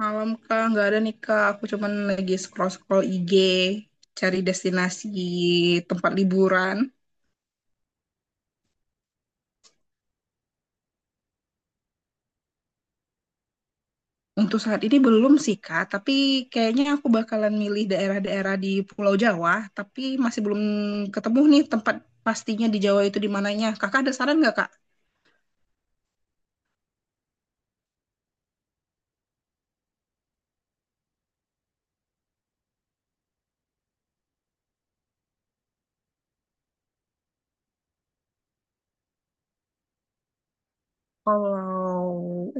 Malam Kak, nggak ada nih Kak. Aku cuman lagi scroll-scroll IG, cari destinasi tempat liburan. Untuk saat ini belum sih Kak, tapi kayaknya aku bakalan milih daerah-daerah di Pulau Jawa, tapi masih belum ketemu nih tempat pastinya di Jawa itu di mananya. Kakak ada saran nggak Kak? Kalau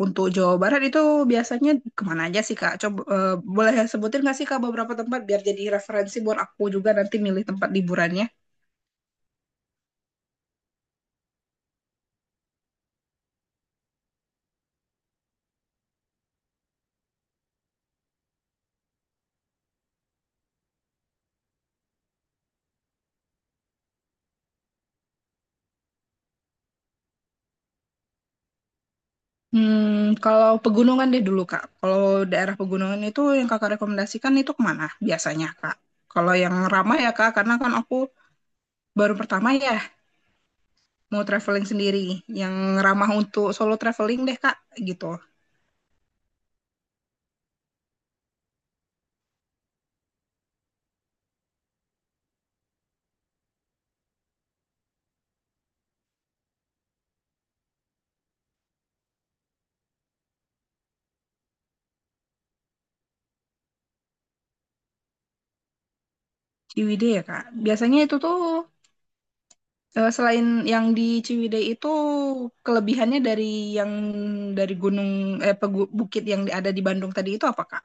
untuk Jawa Barat itu biasanya kemana aja sih Kak? Coba boleh sebutin nggak sih Kak beberapa tempat biar jadi referensi buat aku juga nanti milih tempat liburannya? Hmm, kalau pegunungan deh dulu, Kak. Kalau daerah pegunungan itu yang Kakak rekomendasikan itu kemana biasanya, Kak? Kalau yang ramah ya, Kak, karena kan aku baru pertama ya mau traveling sendiri. Yang ramah untuk solo traveling deh, Kak, gitu. Ciwidey ya, Kak. Biasanya itu tuh selain yang di Ciwidey itu kelebihannya dari yang dari gunung bukit yang ada di Bandung tadi itu apa, Kak?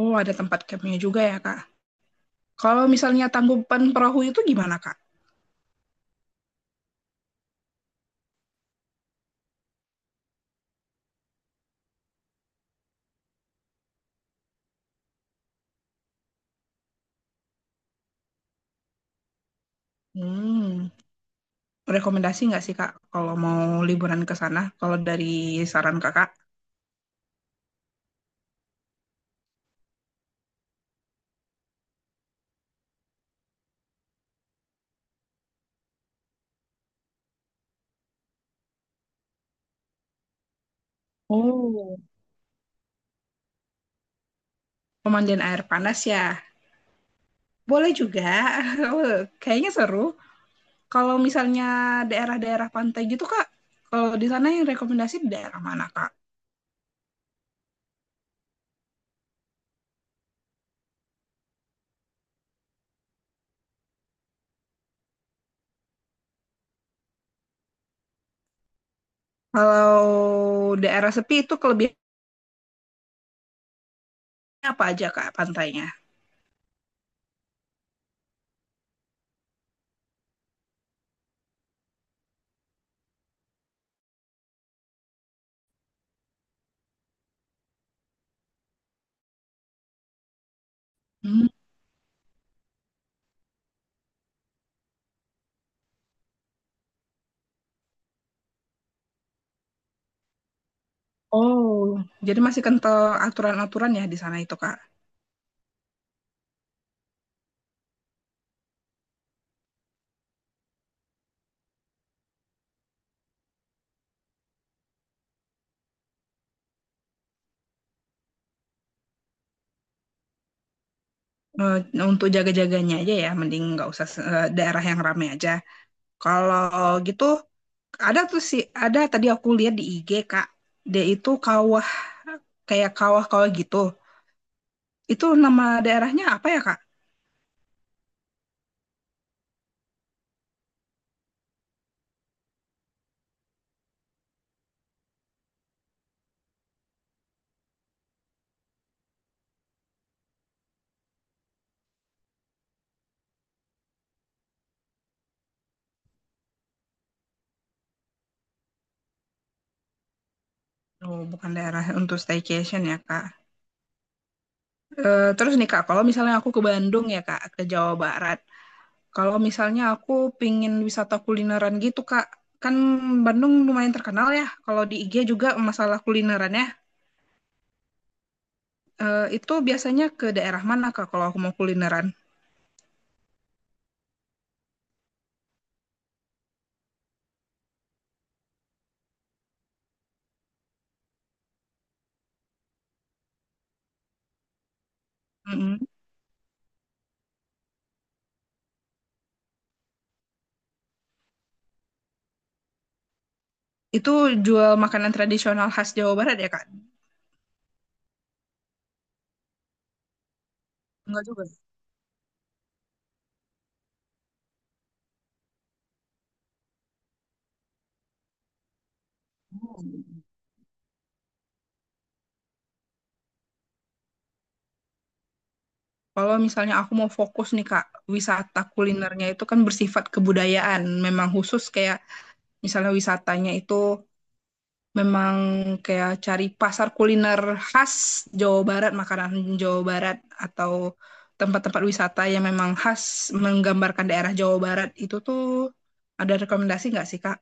Oh, ada tempat campnya juga ya, Kak. Kalau misalnya tangkuban perahu itu gimana, Kak? Hmm. Rekomendasi nggak sih Kak kalau mau liburan ke sana? Kalau dari saran Kakak, oh, pemandian air panas ya. Boleh juga. Kayaknya seru. Kalau misalnya daerah-daerah pantai gitu Kak, kalau di sana yang rekomendasi di daerah mana Kak? Kalau daerah sepi itu kelebihannya apa aja Kak pantainya? Hmm, oh, jadi masih kental aturan-aturan ya di sana itu Kak. Eh, untuk jaga-jaganya aja ya, mending nggak usah daerah yang ramai aja. Kalau gitu ada tuh sih, ada tadi aku lihat di IG, Kak. Dia itu kawah, kayak kawah-kawah gitu. Itu nama daerahnya apa ya, Kak? Oh, bukan daerah untuk staycation ya, Kak. Eh, terus nih, Kak, kalau misalnya aku ke Bandung ya, Kak, ke Jawa Barat. Kalau misalnya aku pingin wisata kulineran gitu, Kak. Kan Bandung lumayan terkenal ya, kalau di IG juga masalah kulinerannya. Eh, itu biasanya ke daerah mana, Kak, kalau aku mau kulineran? Mm-mm. Itu jual makanan tradisional khas Jawa Barat ya, Kak? Enggak juga. Hmm. Kalau misalnya aku mau fokus nih Kak, wisata kulinernya itu kan bersifat kebudayaan. Memang khusus kayak misalnya wisatanya itu memang kayak cari pasar kuliner khas Jawa Barat, makanan Jawa Barat atau tempat-tempat wisata yang memang khas menggambarkan daerah Jawa Barat itu tuh ada rekomendasi nggak sih Kak?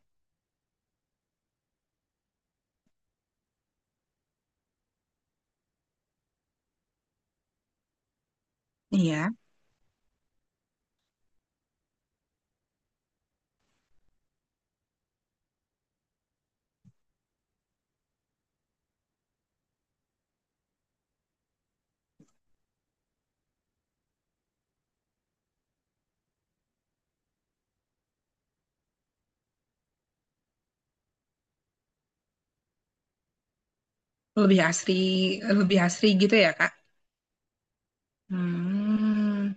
Iya, lebih asri, lebih asri gitu ya Kak? Hmm.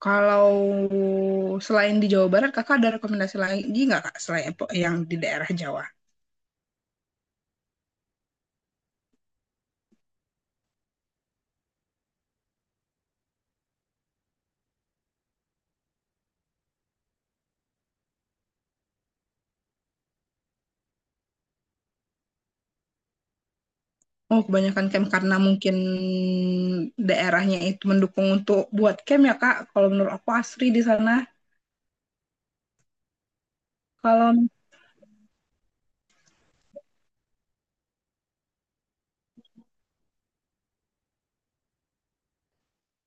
Kalau selain di Jawa Barat, kakak ada rekomendasi lagi nggak kak selain yang di daerah Jawa? Oh, kebanyakan camp karena mungkin daerahnya itu mendukung untuk buat camp ya kak. Kalau menurut aku asri di sana. Kalau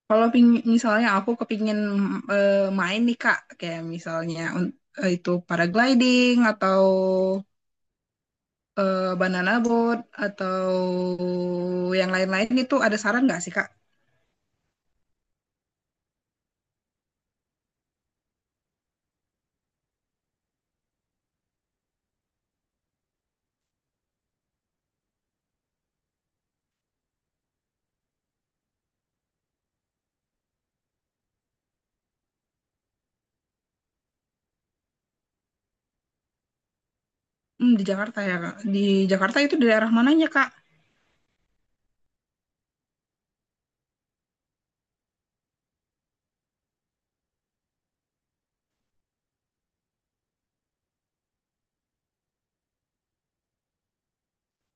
kalau ping- misalnya aku kepingin eh, main nih kak, kayak misalnya itu paragliding atau banana boat atau yang lain-lain itu ada saran nggak sih kak? Hmm, di Jakarta ya kak. Di Jakarta itu di daerah mananya kak?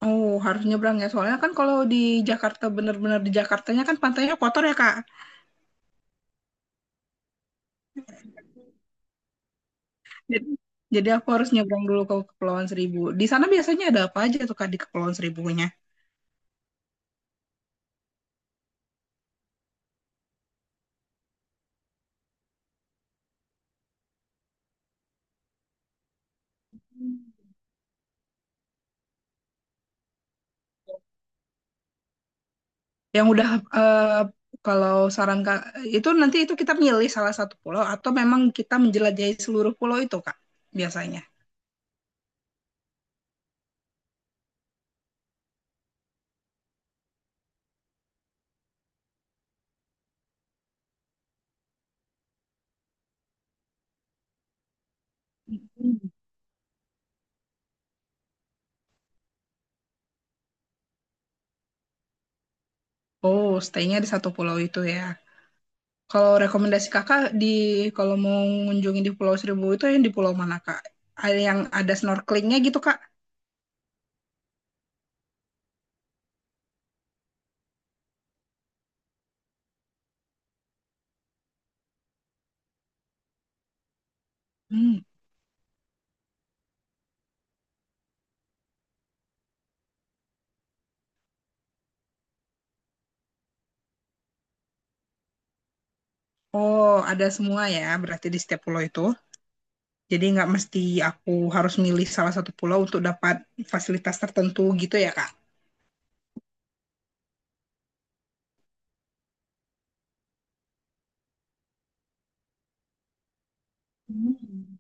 Oh, harus nyebrang ya. Soalnya kan kalau di Jakarta bener-bener di Jakartanya kan pantainya kotor ya, Kak. Jadi, jadi aku harus nyebrang dulu ke Kepulauan Seribu. Di sana biasanya ada apa aja tuh, Kak, di Kepulauan Seribunya? Yang udah eh, kalau saran Kak itu nanti itu kita milih salah satu pulau atau memang kita menjelajahi seluruh pulau itu, Kak, biasanya. Oh, stay-nya di satu pulau itu ya. Kalau rekomendasi Kakak kalau mau mengunjungi di Pulau Seribu itu yang di pulau mana, Kak? Ada yang ada snorkelingnya gitu, Kak? Hmm. Oh, ada semua ya, berarti di setiap pulau itu. Jadi nggak mesti aku harus milih salah satu pulau untuk dapat fasilitas tertentu gitu ya, Kak? Hmm.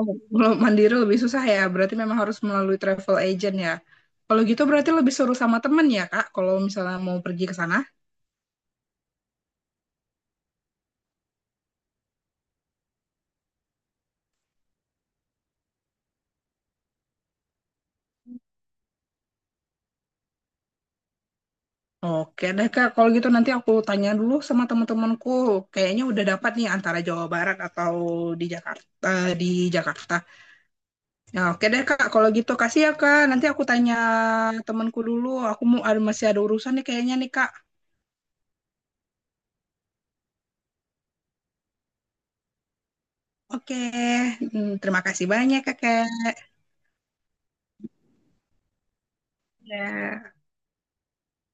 Oh, kalau mandiri lebih susah ya, berarti memang harus melalui travel agent ya. Kalau gitu berarti lebih seru sama temen ya, Kak, kalau misalnya mau pergi ke sana. Oke deh, Kak. Kalau gitu nanti aku tanya dulu sama teman-temanku. Kayaknya udah dapat nih antara Jawa Barat atau di Jakarta, di Jakarta. Ya oke deh Kak, kalau gitu kasih ya Kak. Nanti aku tanya temanku dulu. Aku mau ada masih ada urusan nih kayaknya nih Kak. Oke, hmm, terima kasih banyak Kakak. Ya.